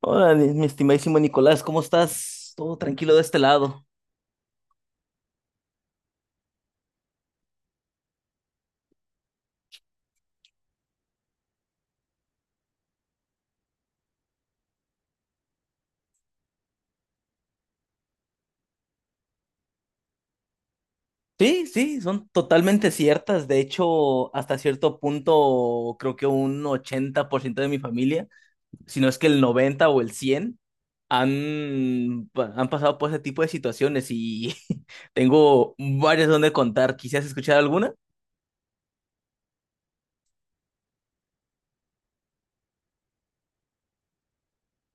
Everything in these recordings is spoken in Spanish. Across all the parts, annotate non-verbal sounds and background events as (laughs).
Hola, mi estimadísimo Nicolás, ¿cómo estás? Todo tranquilo de este lado. Sí, sí, son totalmente ciertas. De hecho, hasta cierto punto, creo que un 80% de mi familia, si no es que el 90 o el 100 han, han pasado por ese tipo de situaciones y (laughs) tengo varias donde contar. ¿Quisieras escuchar alguna?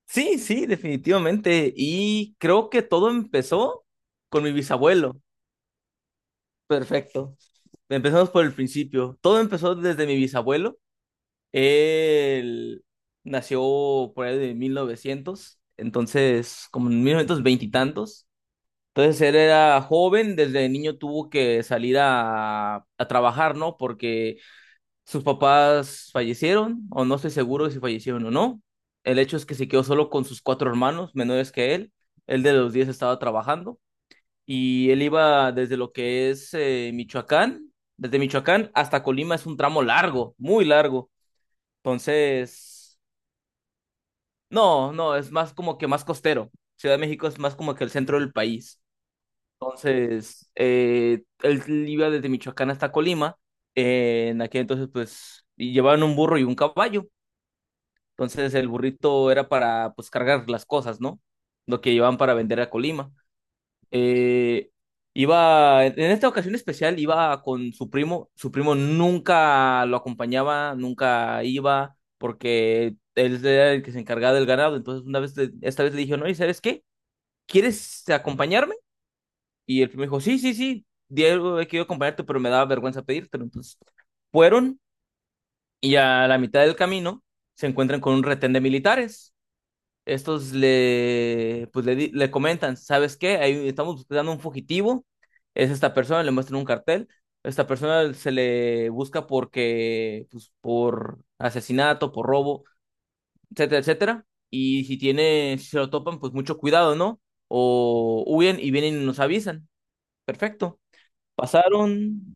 Sí, sí, definitivamente. Y creo que todo empezó con mi bisabuelo. Perfecto. Empezamos por el principio. Todo empezó desde mi bisabuelo. Él nació por ahí de 1900, entonces como en 1920 y tantos. Entonces él era joven, desde niño tuvo que salir a trabajar, ¿no? Porque sus papás fallecieron, o no estoy seguro de si fallecieron o no. El hecho es que se quedó solo con sus cuatro hermanos menores que él. Él de los 10 estaba trabajando, y él iba desde lo que es Michoacán, desde Michoacán hasta Colima es un tramo largo, muy largo. Entonces. No, no, es más como que más costero. Ciudad de México es más como que el centro del país. Entonces, él iba desde Michoacán hasta Colima. En aquel entonces, pues, y llevaban un burro y un caballo. Entonces, el burrito era para, pues, cargar las cosas, ¿no? Lo que llevaban para vender a Colima. Eh, iba, en esta ocasión especial iba con su primo. Su primo nunca lo acompañaba, nunca iba, porque él era el que se encargaba del ganado. Entonces, una vez, esta vez le dije, no, ¿y sabes qué? ¿Quieres acompañarme? Y el primo dijo, sí, sí, sí, Diego, he querido acompañarte, pero me daba vergüenza pedírtelo. Entonces, fueron y a la mitad del camino se encuentran con un retén de militares. Estos le, pues le, di- le comentan, ¿sabes qué? Ahí estamos buscando un fugitivo, es esta persona, le muestran un cartel, esta persona se le busca porque, pues, por asesinato, por robo, etcétera, etcétera, y si se lo topan, pues mucho cuidado, ¿no? O huyen y vienen y nos avisan, perfecto. Pasaron,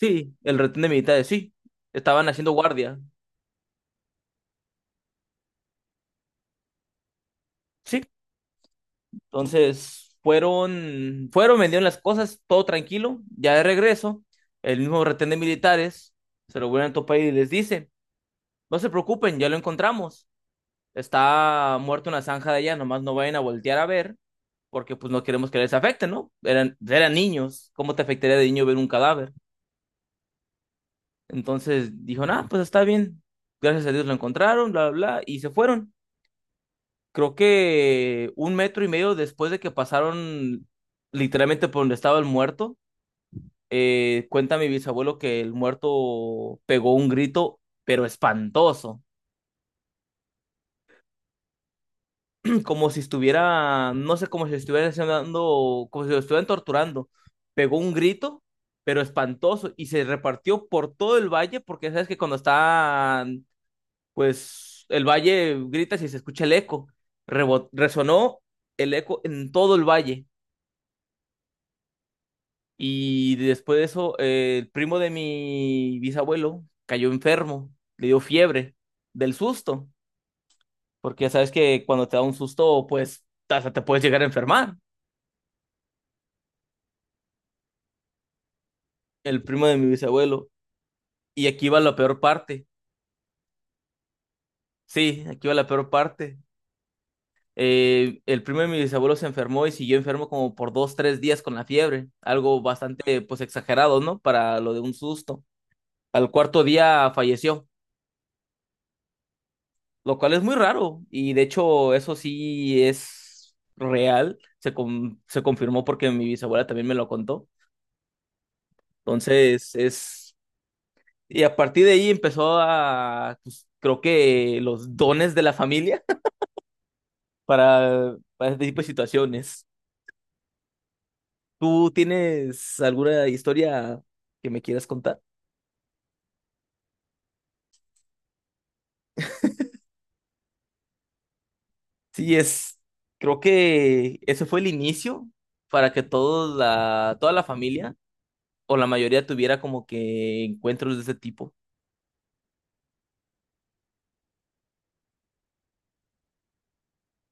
sí, el retén de militares, sí, estaban haciendo guardia, sí. Entonces, fueron, vendieron las cosas, todo tranquilo. Ya de regreso, el mismo retén de militares se lo vuelven a topar y les dice, no se preocupen, ya lo encontramos. Está muerto en la zanja de allá, nomás no vayan a voltear a ver, porque pues no queremos que les afecte, ¿no? Eran niños, ¿cómo te afectaría de niño ver un cadáver? Entonces dijo, nah, pues está bien. Gracias a Dios lo encontraron, bla, bla, bla, y se fueron. Creo que un metro y medio después de que pasaron literalmente por donde estaba el muerto. Cuenta mi bisabuelo que el muerto pegó un grito, pero espantoso. (clears throat) Como si estuviera, no sé, como si estuviera haciendo, como si lo estuvieran torturando. Pegó un grito, pero espantoso, y se repartió por todo el valle, porque sabes que cuando está, pues, el valle gritas y se escucha el eco. Resonó el eco en todo el valle. Y después de eso, el primo de mi bisabuelo cayó enfermo, le dio fiebre del susto, porque ya sabes que cuando te da un susto, pues hasta te puedes llegar a enfermar. El primo de mi bisabuelo. Y aquí va la peor parte. Sí, aquí va la peor parte. El primo de mi bisabuelo se enfermó y siguió enfermo como por dos, tres días con la fiebre. Algo bastante, pues, exagerado, ¿no? Para lo de un susto. Al cuarto día falleció, lo cual es muy raro. Y de hecho, eso sí es real. Se confirmó porque mi bisabuela también me lo contó. Entonces, es. Y a partir de ahí empezó a, pues, creo que los dones de la familia (laughs) para este tipo de situaciones. ¿Tú tienes alguna historia que me quieras contar? Sí, creo que ese fue el inicio para que toda la familia o la mayoría tuviera como que encuentros de ese tipo.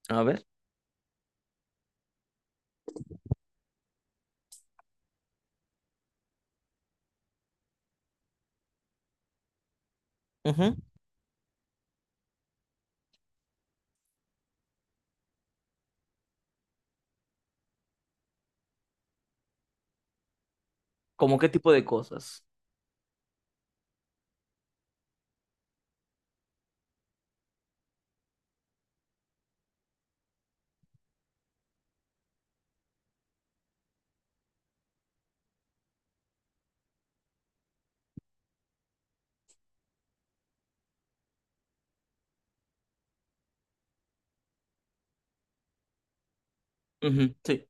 A ver, ujú. ¿Cómo qué tipo de cosas? Ujú, sí.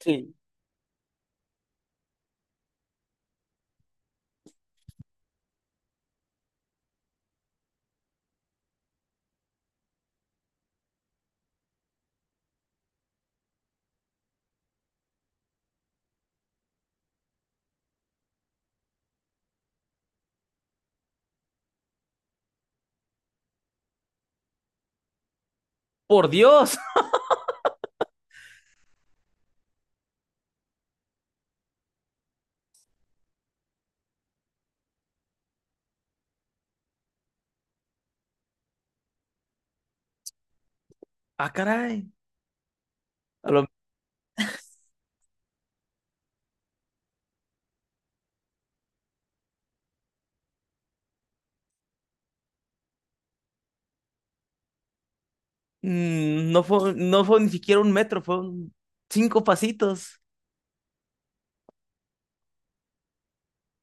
Sí. ¡Por Dios! (laughs) ¡Ah, caray! A lo- mm, no fue, no fue ni siquiera un metro, fueron cinco pasitos.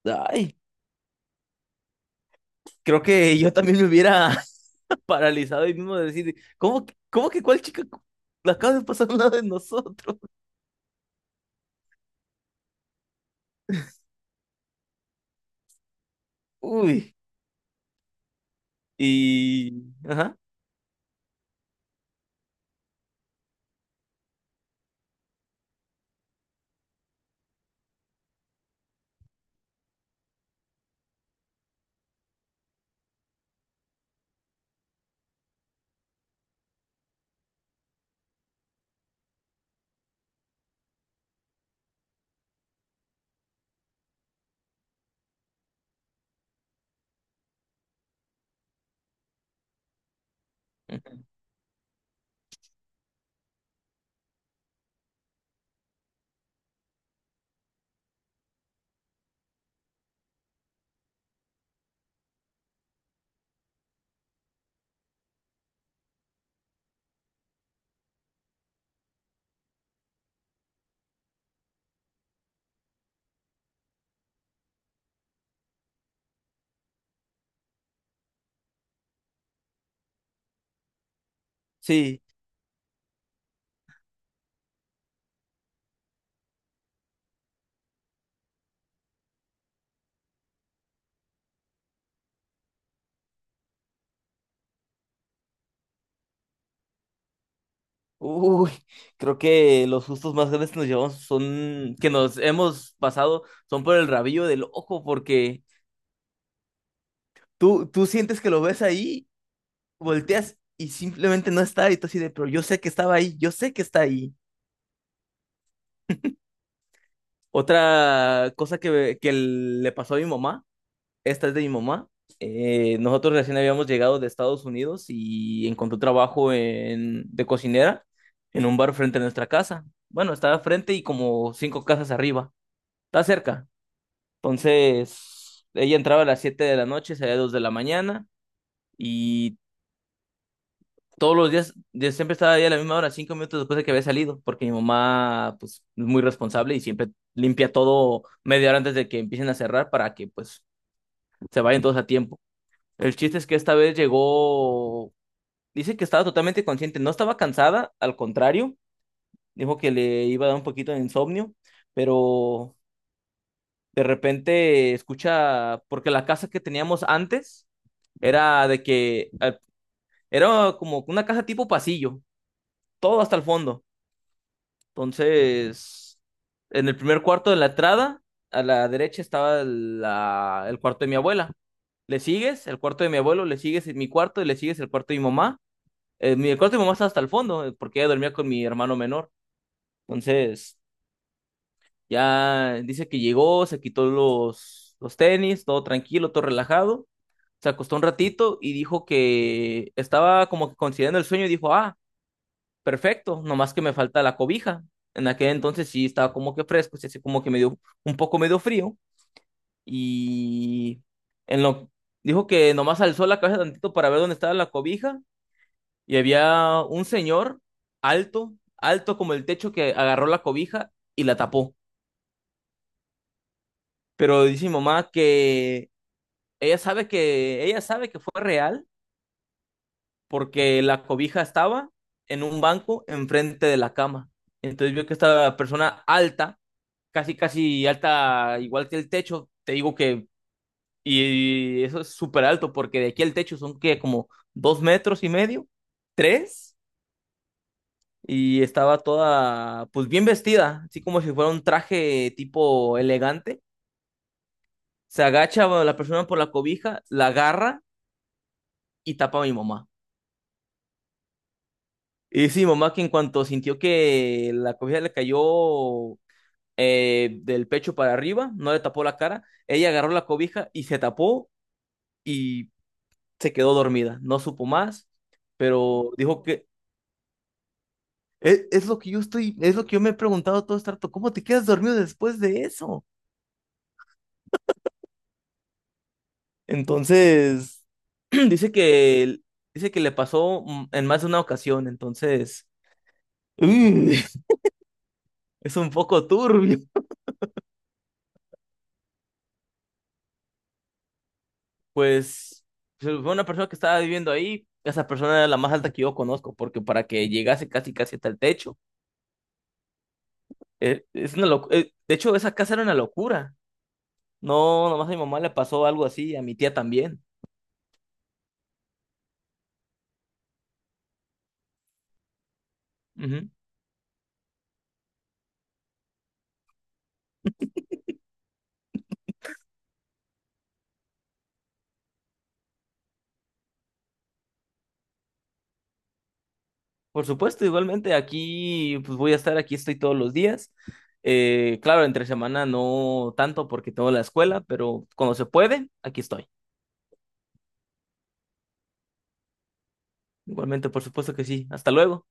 Ay, creo que yo también me hubiera (laughs) paralizado y mismo de decir, ¿cómo, cómo que cuál chica la acaba de pasar (laughs) al lado de nosotros? Uy, y. Ajá, sí. Uy, creo que los sustos más grandes que nos llevamos son, que nos hemos pasado, son por el rabillo del ojo, porque tú sientes que lo ves ahí, volteas y simplemente no está, y tú así de, pero yo sé que estaba ahí, yo sé que está ahí. Otra cosa que le pasó a mi mamá, esta es de mi mamá. Nosotros recién habíamos llegado de Estados Unidos y encontró trabajo de cocinera en un bar frente a nuestra casa. Bueno, estaba frente y como cinco casas arriba, está cerca. Entonces, ella entraba a las 7 de la noche, salía a 2 de la mañana, y todos los días, yo siempre estaba ahí a la misma hora, 5 minutos después de que había salido, porque mi mamá, pues, es muy responsable y siempre limpia todo media hora antes de que empiecen a cerrar para que, pues, se vayan todos a tiempo. El chiste es que esta vez llegó, dice que estaba totalmente consciente, no estaba cansada, al contrario, dijo que le iba a dar un poquito de insomnio, pero de repente escucha, porque la casa que teníamos antes era de que era como una casa tipo pasillo, todo hasta el fondo. Entonces, en el primer cuarto de la entrada, a la derecha estaba el cuarto de mi abuela. Le sigues el cuarto de mi abuelo, le sigues mi cuarto y le sigues el cuarto de mi mamá. El cuarto de mi mamá está hasta el fondo, porque ella dormía con mi hermano menor. Entonces, ya dice que llegó, se quitó los tenis, todo tranquilo, todo relajado. Se acostó un ratito y dijo que estaba como que considerando el sueño y dijo, ah, perfecto, nomás que me falta la cobija. En aquel entonces sí estaba como que fresco, sí, así como que me dio un poco medio frío, y en lo dijo que nomás alzó la cabeza tantito para ver dónde estaba la cobija y había un señor alto, alto como el techo que agarró la cobija y la tapó. Pero dice mi mamá que ella sabe que ella sabe que fue real porque la cobija estaba en un banco enfrente de la cama. Entonces vio que esta persona alta, casi, casi alta, igual que el techo, te digo que, y eso es súper alto, porque de aquí al techo son que como dos metros y medio, tres, y estaba toda, pues bien vestida, así como si fuera un traje tipo elegante. Se agacha bueno, la persona por la cobija, la agarra y tapa a mi mamá. Y dice mi mamá que en cuanto sintió que la cobija le cayó del pecho para arriba, no le tapó la cara. Ella agarró la cobija y se tapó y se quedó dormida. No supo más, pero dijo que es lo que yo estoy, es lo que yo me he preguntado todo este rato, ¿cómo te quedas dormido después de eso? Entonces, (clears throat) dice que dice que le pasó en más de una ocasión, entonces mm, (laughs) es un poco turbio. Pues fue una persona que estaba viviendo ahí, esa persona era la más alta que yo conozco, porque para que llegase casi casi hasta el techo. Es una de hecho, esa casa era una locura. No, nomás a mi mamá le pasó algo así, a mi tía también. Ujú. Por supuesto, igualmente aquí, pues voy a estar aquí, estoy todos los días. Claro, entre semana no tanto porque tengo la escuela, pero cuando se puede, aquí estoy. Igualmente, por supuesto que sí. Hasta luego.